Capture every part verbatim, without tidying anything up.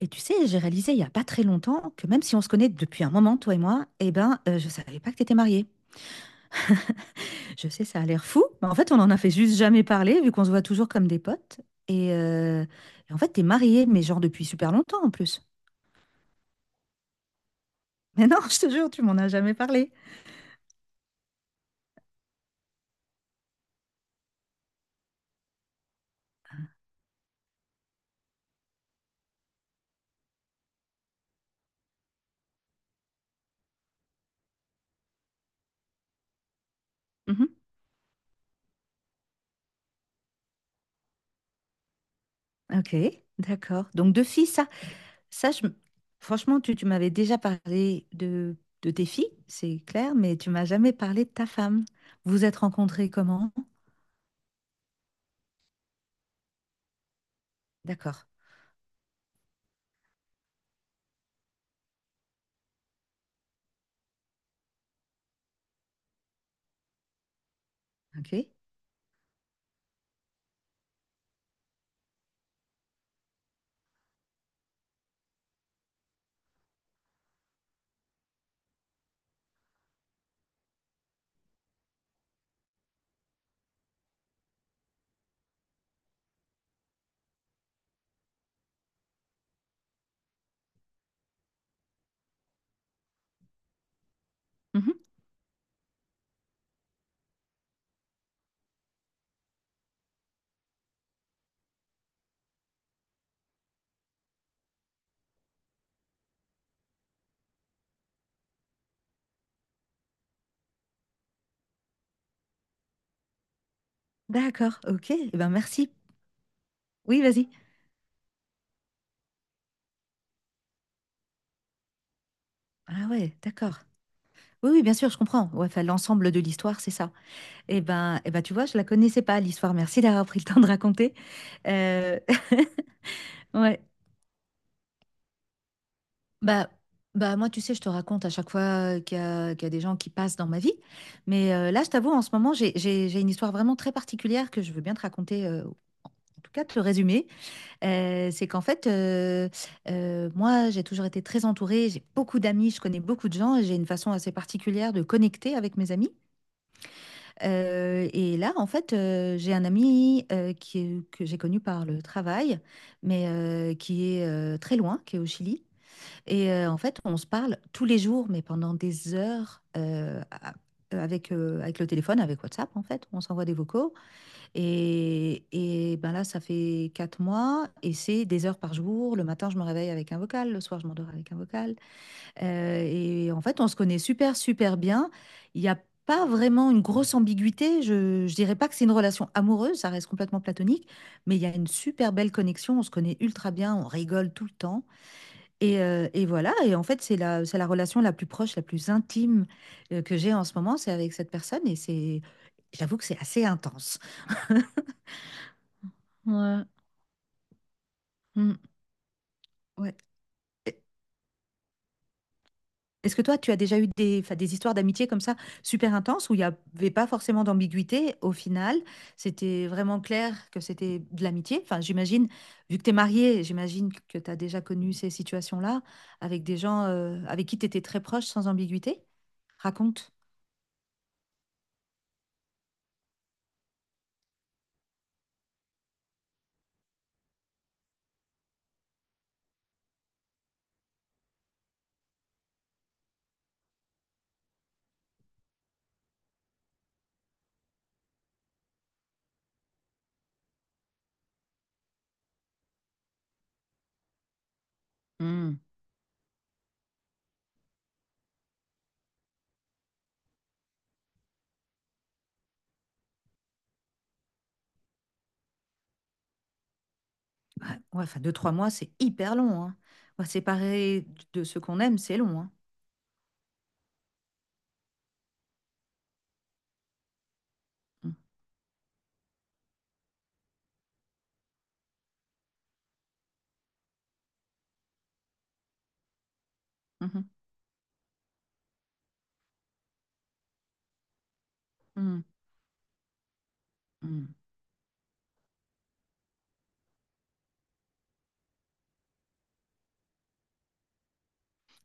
Et tu sais, j'ai réalisé il y a pas très longtemps que même si on se connaît depuis un moment, toi et moi, eh ben, euh, je savais pas que t'étais mariée. Je sais, ça a l'air fou, mais en fait, on en a fait juste jamais parler, vu qu'on se voit toujours comme des potes. Et, euh, et en fait, t'es mariée, mais genre depuis super longtemps en plus. Mais non, je te jure, tu m'en as jamais parlé. Mhm. Ok, d'accord. Donc deux filles, ça, ça, je m- franchement, tu, tu m'avais déjà parlé de, de tes filles, c'est clair, mais tu m'as jamais parlé de ta femme. Vous vous êtes rencontrés comment? D'accord. Ok. D'accord, OK. Eh ben, merci. Oui, vas-y. Ah ouais, d'accord. Oui, oui, bien sûr, je comprends. Ouais, enfin, l'ensemble de l'histoire, c'est ça. Eh ben, eh ben, tu vois, je la connaissais pas, l'histoire. Merci d'avoir pris le temps de raconter. Euh, Ouais. Bah, bah moi, tu sais, je te raconte à chaque fois qu'il y a, qu'il y a des gens qui passent dans ma vie. Mais euh, là, je t'avoue, en ce moment, j'ai, j'ai- j'ai une histoire vraiment très particulière que je veux bien te raconter, euh, en tout cas, te le résumer. Heu, c'est qu'en fait, heu heu, moi, j'ai toujours été très entourée, j'ai beaucoup d'amis, je connais beaucoup de gens et j'ai une façon assez particulière de connecter avec mes amis. Heu et là, en fait, heu, j'ai un ami, heu, qui est que j'ai connu par le travail, mais heu, qui est, heu, très loin, qui est au Chili et heu, en fait, on se parle tous les jours, mais pendant des heures, heu, a avec, heu, avec le téléphone, avec WhatsApp, en fait. On s'envoie des vocaux et, et ben là, ça fait quatre mois et c'est des heures par jour. Le matin, je me réveille avec un vocal. Le soir, je m'endors avec un vocal. Euh, et en fait, on se connaît super, super bien. Il n'y a pas vraiment une grosse ambiguïté. Je, je dirais pas que c'est une relation amoureuse, ça reste complètement platonique, mais il y a une super belle connexion. On se connaît ultra bien, on rigole tout le temps. Et, euh, et voilà. Et en fait, c'est la, c'est la relation la plus proche, la plus intime euh, que j'ai en ce moment. C'est avec cette personne et c'est, j'avoue que c'est assez intense. Ouais. Mmh, ouais. Et est-ce que toi, tu as déjà eu des, enfin, des histoires d'amitié comme ça, super intenses, où il n'y avait pas forcément d'ambiguïté au final? C'était vraiment clair que c'était de l'amitié. Enfin, j'imagine, vu que tu es mariée, j'imagine que tu as déjà connu ces situations-là avec des gens euh, avec qui tu étais très proche sans ambiguïté. Raconte. Mmh. Ouais, ouais, enfin, deux, trois mois, c'est hyper long, hein. Ouais, séparer de ce qu'on aime, c'est long, hein. Mmh, mmh, mmh, mmh.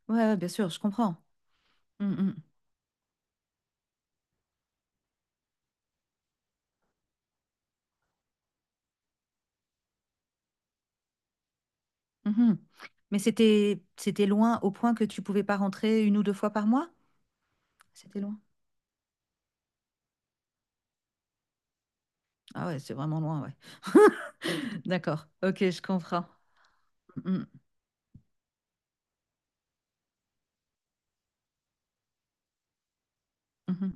Ouais, ouais, bien sûr, je comprends. Mmh, mmh. Mhm. Mais c'était c'était loin au point que tu pouvais pas rentrer une ou deux fois par mois? C'était loin. Ah ouais, c'est vraiment loin, ouais. D'accord. Ok, je comprends. Mhm. Mhm.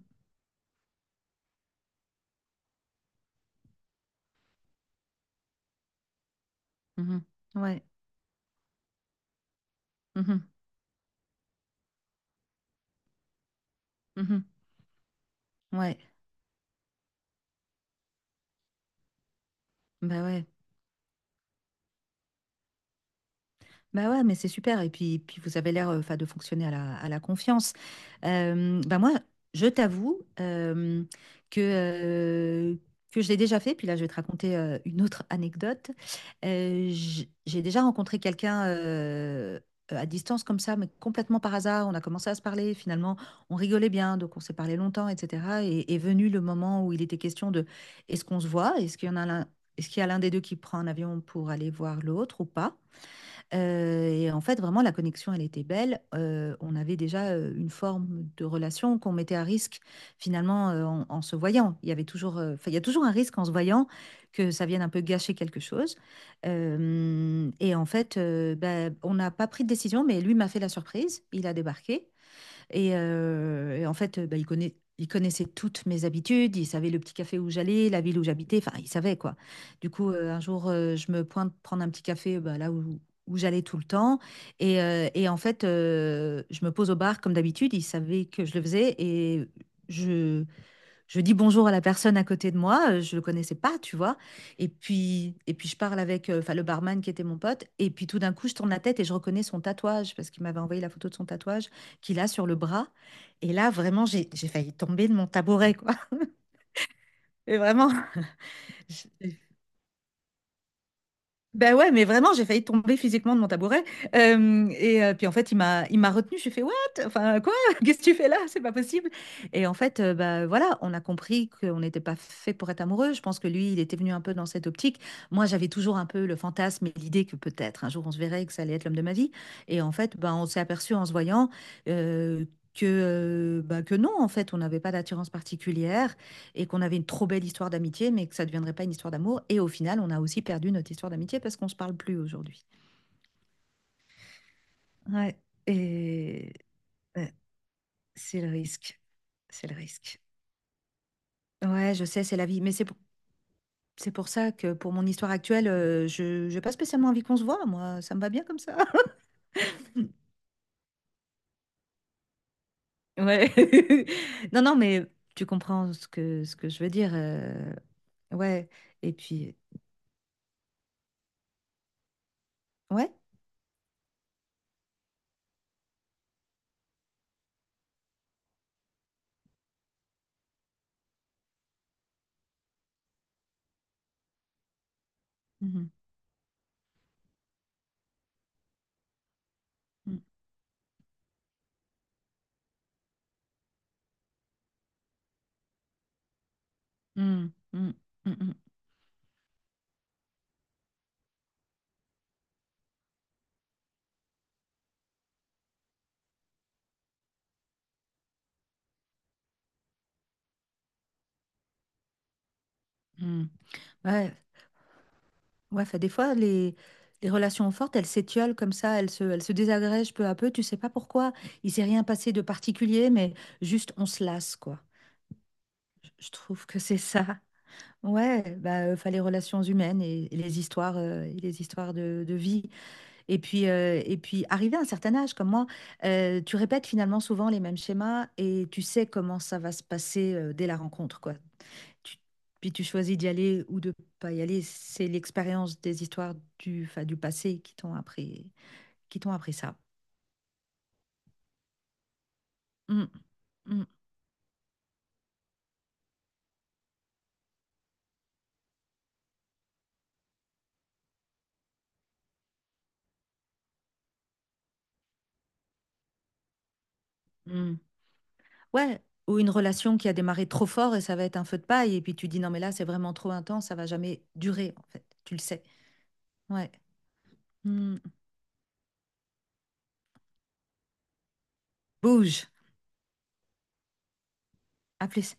Mhm. Ouais. Mhm. Mhm. Ouais. Bah ouais. Bah ouais, mais c'est super. Et puis, puis vous avez l'air euh, enfin, de fonctionner à la, à la confiance. Euh, bah moi, je t'avoue euh, que, euh, que je l'ai déjà fait. Puis là, je vais te raconter euh, une autre anecdote. Euh, j- j'ai déjà rencontré quelqu'un euh, à distance comme ça, mais complètement par hasard. On a commencé à se parler. Finalement, on rigolait bien, donc on s'est parlé longtemps, et cetera. Et est venu le moment où il était question de est-ce qu'on se voit? Est-ce qu'il y en a l'un, est-ce qu'il y a l'un des deux qui prend un avion pour aller voir l'autre ou pas? Euh, et en fait, vraiment, la connexion, elle était belle. Euh, on avait déjà euh, une forme de relation qu'on mettait à risque, finalement, euh, en, en se voyant. Il y avait toujours, euh, enfin, il y a toujours un risque en se voyant que ça vienne un peu gâcher quelque chose. Euh, et en fait, euh, ben, on n'a pas pris de décision, mais lui m'a fait la surprise. Il a débarqué. Et, euh, et en fait, euh, bah, il connaît, il connaissait toutes mes habitudes, il savait le petit café où j'allais, la ville où j'habitais, enfin, il savait quoi. Du coup, euh, un jour, euh, je me pointe prendre un petit café bah, là où, où j'allais tout le temps. Et, euh, et en fait, euh, je me pose au bar comme d'habitude, il savait que je le faisais et je, je dis bonjour à la personne à côté de moi, euh, je le connaissais pas, tu vois. Et puis, et puis je parle avec euh, enfin, le barman qui était mon pote. Et puis tout d'un coup, je tourne la tête et je reconnais son tatouage parce qu'il m'avait envoyé la photo de son tatouage qu'il a sur le bras. Et là, vraiment, j'ai j'ai failli tomber de mon tabouret, quoi. Et vraiment, j'ai Ben ouais, mais vraiment, j'ai failli tomber physiquement de mon tabouret, hem et heu, puis en fait, il m'a il m'a retenue. J'ai fait: «What? Enfin, quoi? Qu'est-ce que tu fais là? C'est pas possible!» Et en fait, heu, bah, voilà, on a compris qu'on n'était pas fait pour être amoureux. Je pense que lui, il était venu un peu dans cette optique. Moi, j'avais toujours un peu le fantasme et l'idée que peut-être un jour on se verrait et que ça allait être l'homme de ma vie. Et en fait, bah, on s'est aperçu en se voyant, heu, que, heu, bah, que non, en fait, on n'avait pas d'attirance particulière, et qu'on avait une trop belle histoire d'amitié, mais que ça ne deviendrait pas une histoire d'amour. Et au final, on a aussi perdu notre histoire d'amitié parce qu'on ne se parle plus aujourd'hui. Ouais, et ouais, c'est le risque. C'est le risque. Ouais, je sais, c'est la vie. Mais c'est pour, c'est pour ça que pour mon histoire actuelle, euh, je n'ai pas spécialement envie qu'on se voit. Moi, ça me va bien comme ça. Ouais. Non, non, mais tu comprends ce que, ce que je veux dire. Euh, ouais. Et puis, ouais. Mhm. Mm, mm, mm, mm, mm, mm. Ouais, ouais, fait, des fois, les, les relations fortes, elles s'étiolent comme ça, elles se, elles se désagrègent peu à peu. Tu sais pas pourquoi. Il s'est rien passé de particulier, mais juste on se lasse, quoi. Je je trouve que c'est ça. Ouais, bah, euh, enfin, les relations humaines et, et les histoires, euh, et les histoires de, de vie. Et puis, euh, et puis, arrivé à un certain âge, comme moi, euh, tu répètes finalement souvent les mêmes schémas et tu sais comment ça va se passer, euh, dès la rencontre, quoi. tu- Puis tu choisis d'y aller ou de pas y aller. C'est l'expérience des histoires du, enfin, du passé qui t'ont appris, qui t'ont appris ça. Mm, mm, mm. Ouais, ou une relation qui a démarré trop fort et ça va être un feu de paille. Et puis tu dis non, mais là, c'est vraiment trop intense, ça va jamais durer, en fait. Tu le sais. Ouais. Mm. Bouge. À plus.